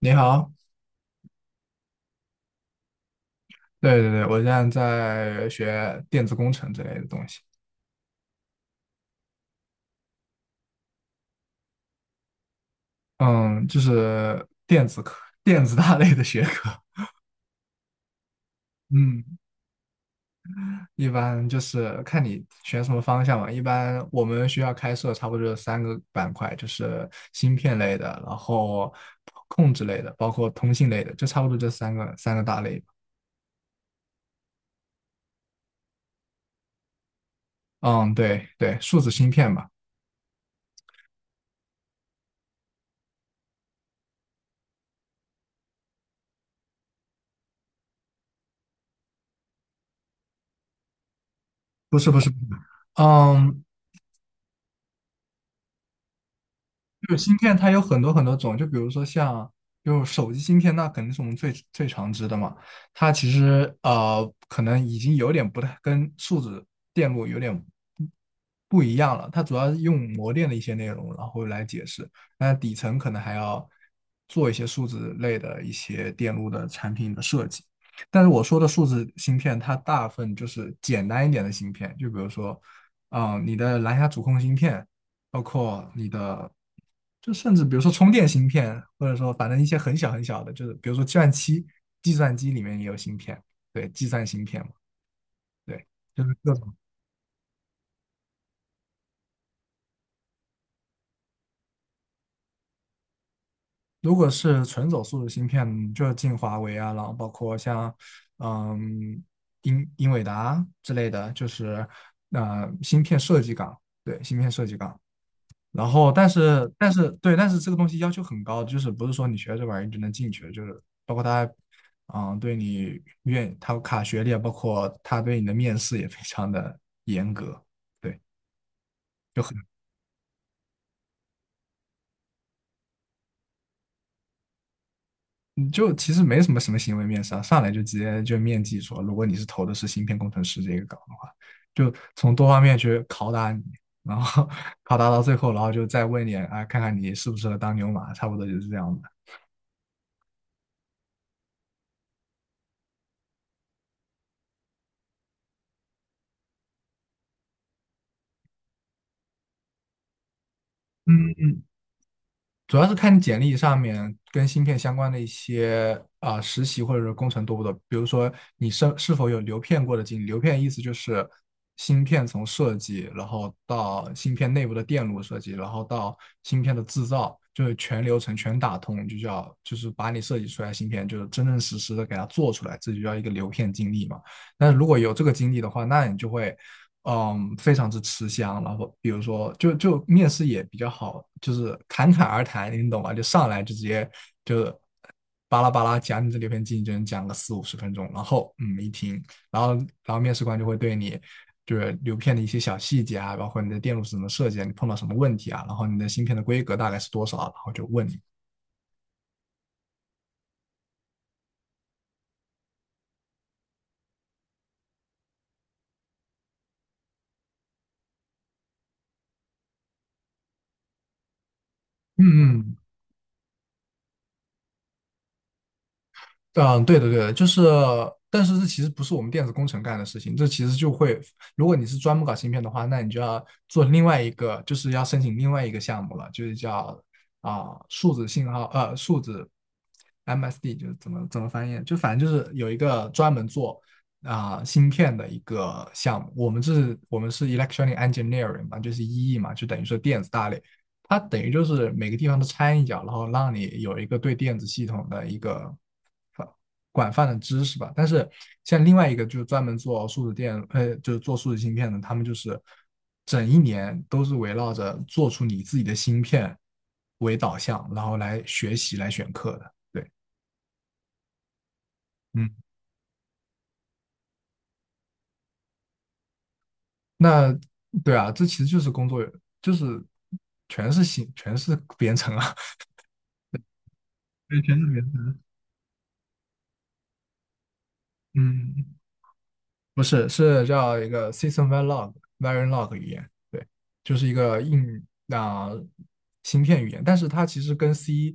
你好。对对对。我现在在学电子工程之类的东西。嗯，就是电子科、电子大类的学科。嗯，一般就是看你选什么方向嘛。一般我们学校开设差不多就是三个板块，就是芯片类的，然后控制类的，包括通信类的，就差不多这三个大类吧。嗯，对对，数字芯片吧。不是不是。嗯，就是芯片它有很多很多种，就比如说像就是手机芯片，那肯定是我们最最常知的嘛。它其实可能已经有点不太跟数字电路有点不一样了。它主要是用模电的一些内容，然后来解释。那底层可能还要做一些数字类的一些电路的产品的设计。但是我说的数字芯片，它大部分就是简单一点的芯片，就比如说，你的蓝牙主控芯片，包括你的，就甚至比如说充电芯片，或者说反正一些很小很小的，就是比如说计算机，计算机里面也有芯片。对，计算芯片嘛。对，就是各种。如果是纯走速的芯片，就进华为啊，然后包括像嗯英伟达之类的，就是芯片设计岗。对，芯片设计岗。然后，但是，但是，对，但是这个东西要求很高，就是不是说你学这玩意儿就能进去，就是包括他，对你愿他卡学历，啊，包括他对你的面试也非常的严格。对，就很嗯就其实没什么行为面试啊，上来就直接就面基说，如果你是投的是芯片工程师这个岗的话，就从多方面去拷打你，然后 拷打到最后，然后就再问你，啊，看看你适不适合当牛马，差不多就是这样的。嗯嗯主要是看你简历上面跟芯片相关的一些啊、实习或者是工程多不多。比如说你是否有流片过的经历？流片意思就是芯片从设计，然后到芯片内部的电路设计，然后到芯片的制造，就是全流程全打通，就是把你设计出来的芯片，就是真真实实的给它做出来，这就叫一个流片经历嘛。那如果有这个经历的话，那你就会非常之吃香。然后比如说，就面试也比较好，就是侃侃而谈，你懂吗？就上来就直接就巴拉巴拉讲你这里边竞争，讲个四五十分钟。然后一听，然后然后面试官就会对你就是流片的一些小细节啊，包括你的电路是怎么设计啊，你碰到什么问题啊，然后你的芯片的规格大概是多少，然后就问你。嗯嗯嗯，对的，对的，就是，但是这其实不是我们电子工程干的事情，这其实就会，如果你是专门搞芯片的话，那你就要做另外一个，就是要申请另外一个项目了，就是叫数字信号，数字 MSD，就是怎么翻译，就反正就是有一个专门做芯片的一个项目。我们是 electronic engineering 嘛，就是 EE 嘛，就等于说电子大类。它等于就是每个地方都掺一脚，然后让你有一个对电子系统的一个广泛的知识吧。但是像另外一个就是专门做数字电，就是做数字芯片的，他们就是整一年都是围绕着做出你自己的芯片为导向，然后来学习来选课的。对。嗯，那对啊，这其实就是工作，就是全是编程啊。对，全是编程。嗯。不是，是叫一个 System Verilog 语言。对，就是一个芯片语言，但是它其实跟 C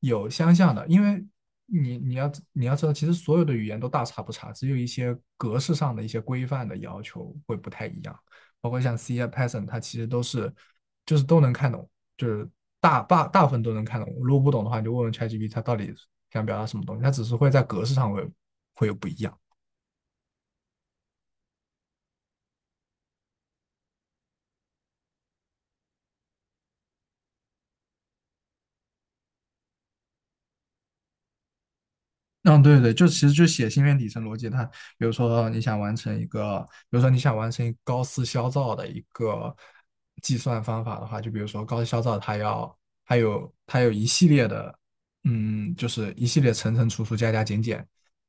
有相像的，因为你要知道，其实所有的语言都大差不差，只有一些格式上的一些规范的要求会不太一样，包括像 C 啊 Python，它其实都是就是都能看懂，就是大部分都能看懂。如果不懂的话，你就问问 ChatGPT 它到底想表达什么东西，它只是会在格式上会有不一样。嗯，对对对，就其实就写芯片底层逻辑。它比如说你想完成一个，比如说你想完成一个高斯消噪的一个计算方法的话，就比如说高斯消噪，它有一系列的，就是一系列层层除除加加减减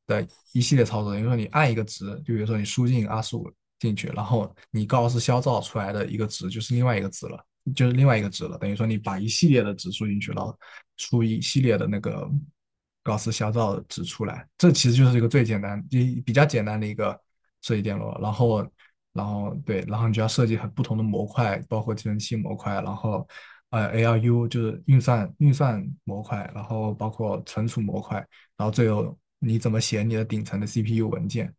的一系列操作。比如说你按一个值，就比如说你输进25进去，然后你高斯消噪出来的一个值就是另外一个值了，就是另外一个值了，等于说你把一系列的值输进去，了。出一系列的那个高斯消噪值出来。这其实就是一个最简单、比较简单的一个设计电路。然后对，然后你就要设计很不同的模块，包括计算器模块，然后ALU 就是运算模块，然后包括存储模块，然后最后你怎么写你的顶层的 CPU 文件。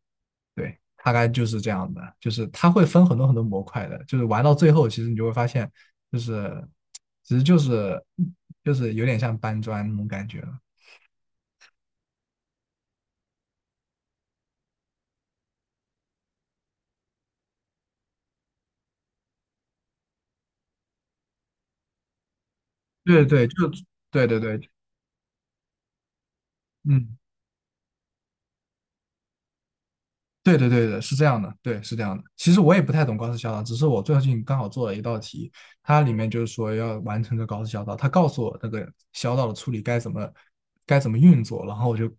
对，大概就是这样的，就是它会分很多很多模块的，就是玩到最后，其实你就会发现，就是其实就是有点像搬砖那种感觉了。对对，就对对对。嗯。对对对对是这样的，对，是这样的。其实我也不太懂高斯小导，只是我最近刚好做了一道题，它里面就是说要完成这个高斯小导，它告诉我那个小导的处理该怎么运作，然后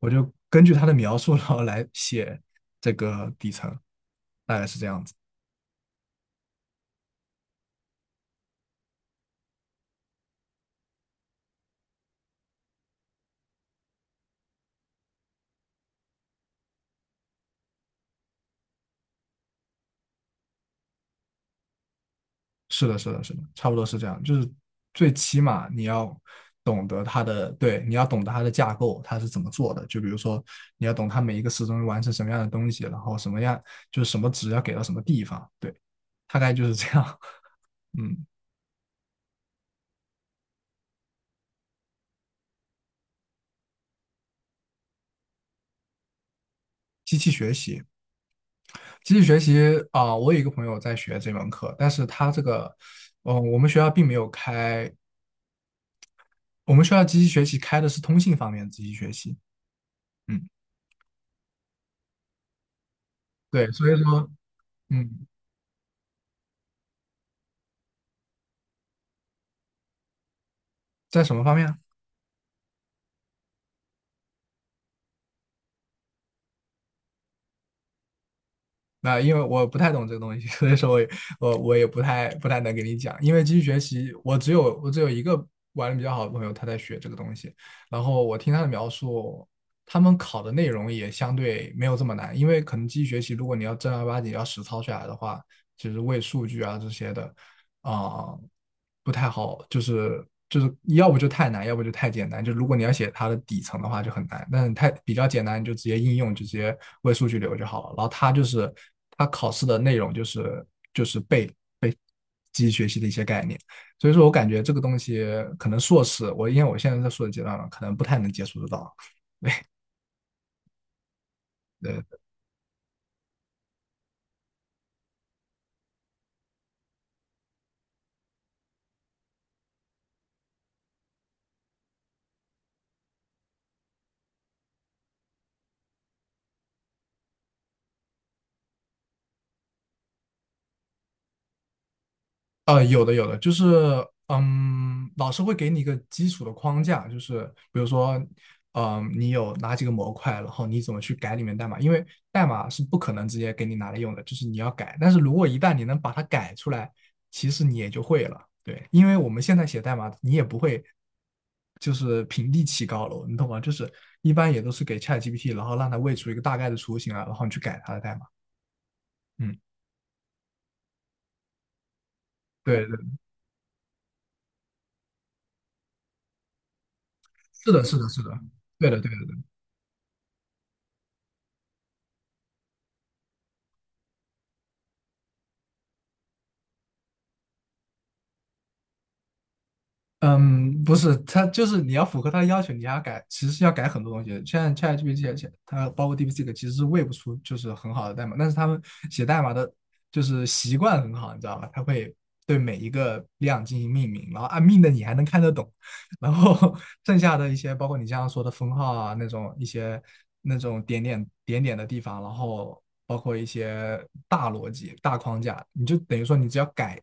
我就根据他的描述，然后来写这个底层，大概是这样子。是的，是的，是的，差不多是这样。就是最起码你要懂得它的，对，你要懂得它的架构，它是怎么做的。就比如说，你要懂它每一个时钟完成什么样的东西，然后什么样就是什么值要给到什么地方，对，大概就是这样。嗯，机器学习，机器学习我有一个朋友在学这门课，但是他这个，我们学校并没有开，我们学校机器学习开的是通信方面的机器学习。嗯，对，所以说，嗯，在什么方面啊？那因为我不太懂这个东西，所以说我也不太能给你讲。因为机器学习，我只有一个玩的比较好的朋友，他在学这个东西。然后我听他的描述，他们考的内容也相对没有这么难，因为可能机器学习，如果你要正儿八经要实操下来的话，其实为数据啊这些的，啊、不太好，就是要不就太难，要不就太简单。就如果你要写它的底层的话就很难，但是太比较简单，你就直接应用，就直接为数据流就好了。然后它就是它考试的内容就是背机器学习的一些概念，所以说我感觉这个东西可能硕士，我因为我现在在硕士阶段嘛，可能不太能接触得到。对。有的有的，就是老师会给你一个基础的框架，就是比如说，你有哪几个模块，然后你怎么去改里面代码，因为代码是不可能直接给你拿来用的，就是你要改。但是如果一旦你能把它改出来，其实你也就会了。对，因为我们现在写代码，你也不会就是平地起高楼，你懂吗？就是一般也都是给 ChatGPT，然后让它喂出一个大概的雏形啊，然后你去改它的代码。嗯，对对，是的，是的，是的，对的，对的，对嗯，不是，他就是你要符合他的要求，你还要改，其实是要改很多东西的。现在 ChatGPT 它包括 DeepSeek 其实是喂不出就是很好的代码，但是他们写代码的就是习惯很好，你知道吧？他会对每一个量进行命名，然后按命的你还能看得懂，然后 剩下的一些，包括你刚刚说的封号啊，那种一些那种点点点点的地方，然后包括一些大逻辑、大框架，你就等于说你只要改，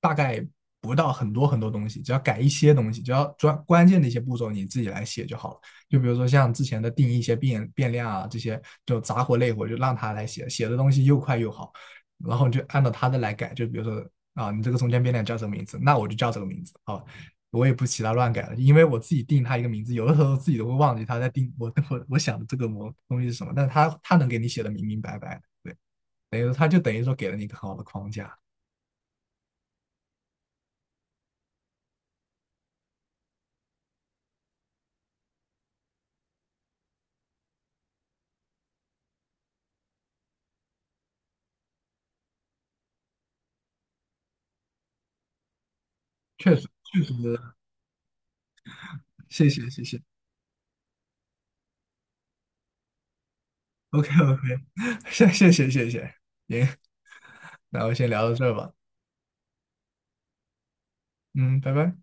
大概不到很多很多东西，只要改一些东西，只要专关键的一些步骤你自己来写就好了。就比如说像之前的定义一些变量啊，这些就杂活累活就让他来写，写的东西又快又好，然后你就按照他的来改，就比如说。啊，你这个中间变量叫什么名字？那我就叫这个名字。好，我也不其他乱改了，因为我自己定他一个名字，有的时候自己都会忘记他在定我想的这个东西是什么，但他能给你写的明明白白的，对，等于说他就等于说给了你一个很好的框架。确实确实。谢谢谢谢。OK OK。谢谢谢谢谢谢。行，那我先聊到这儿吧。嗯，拜拜。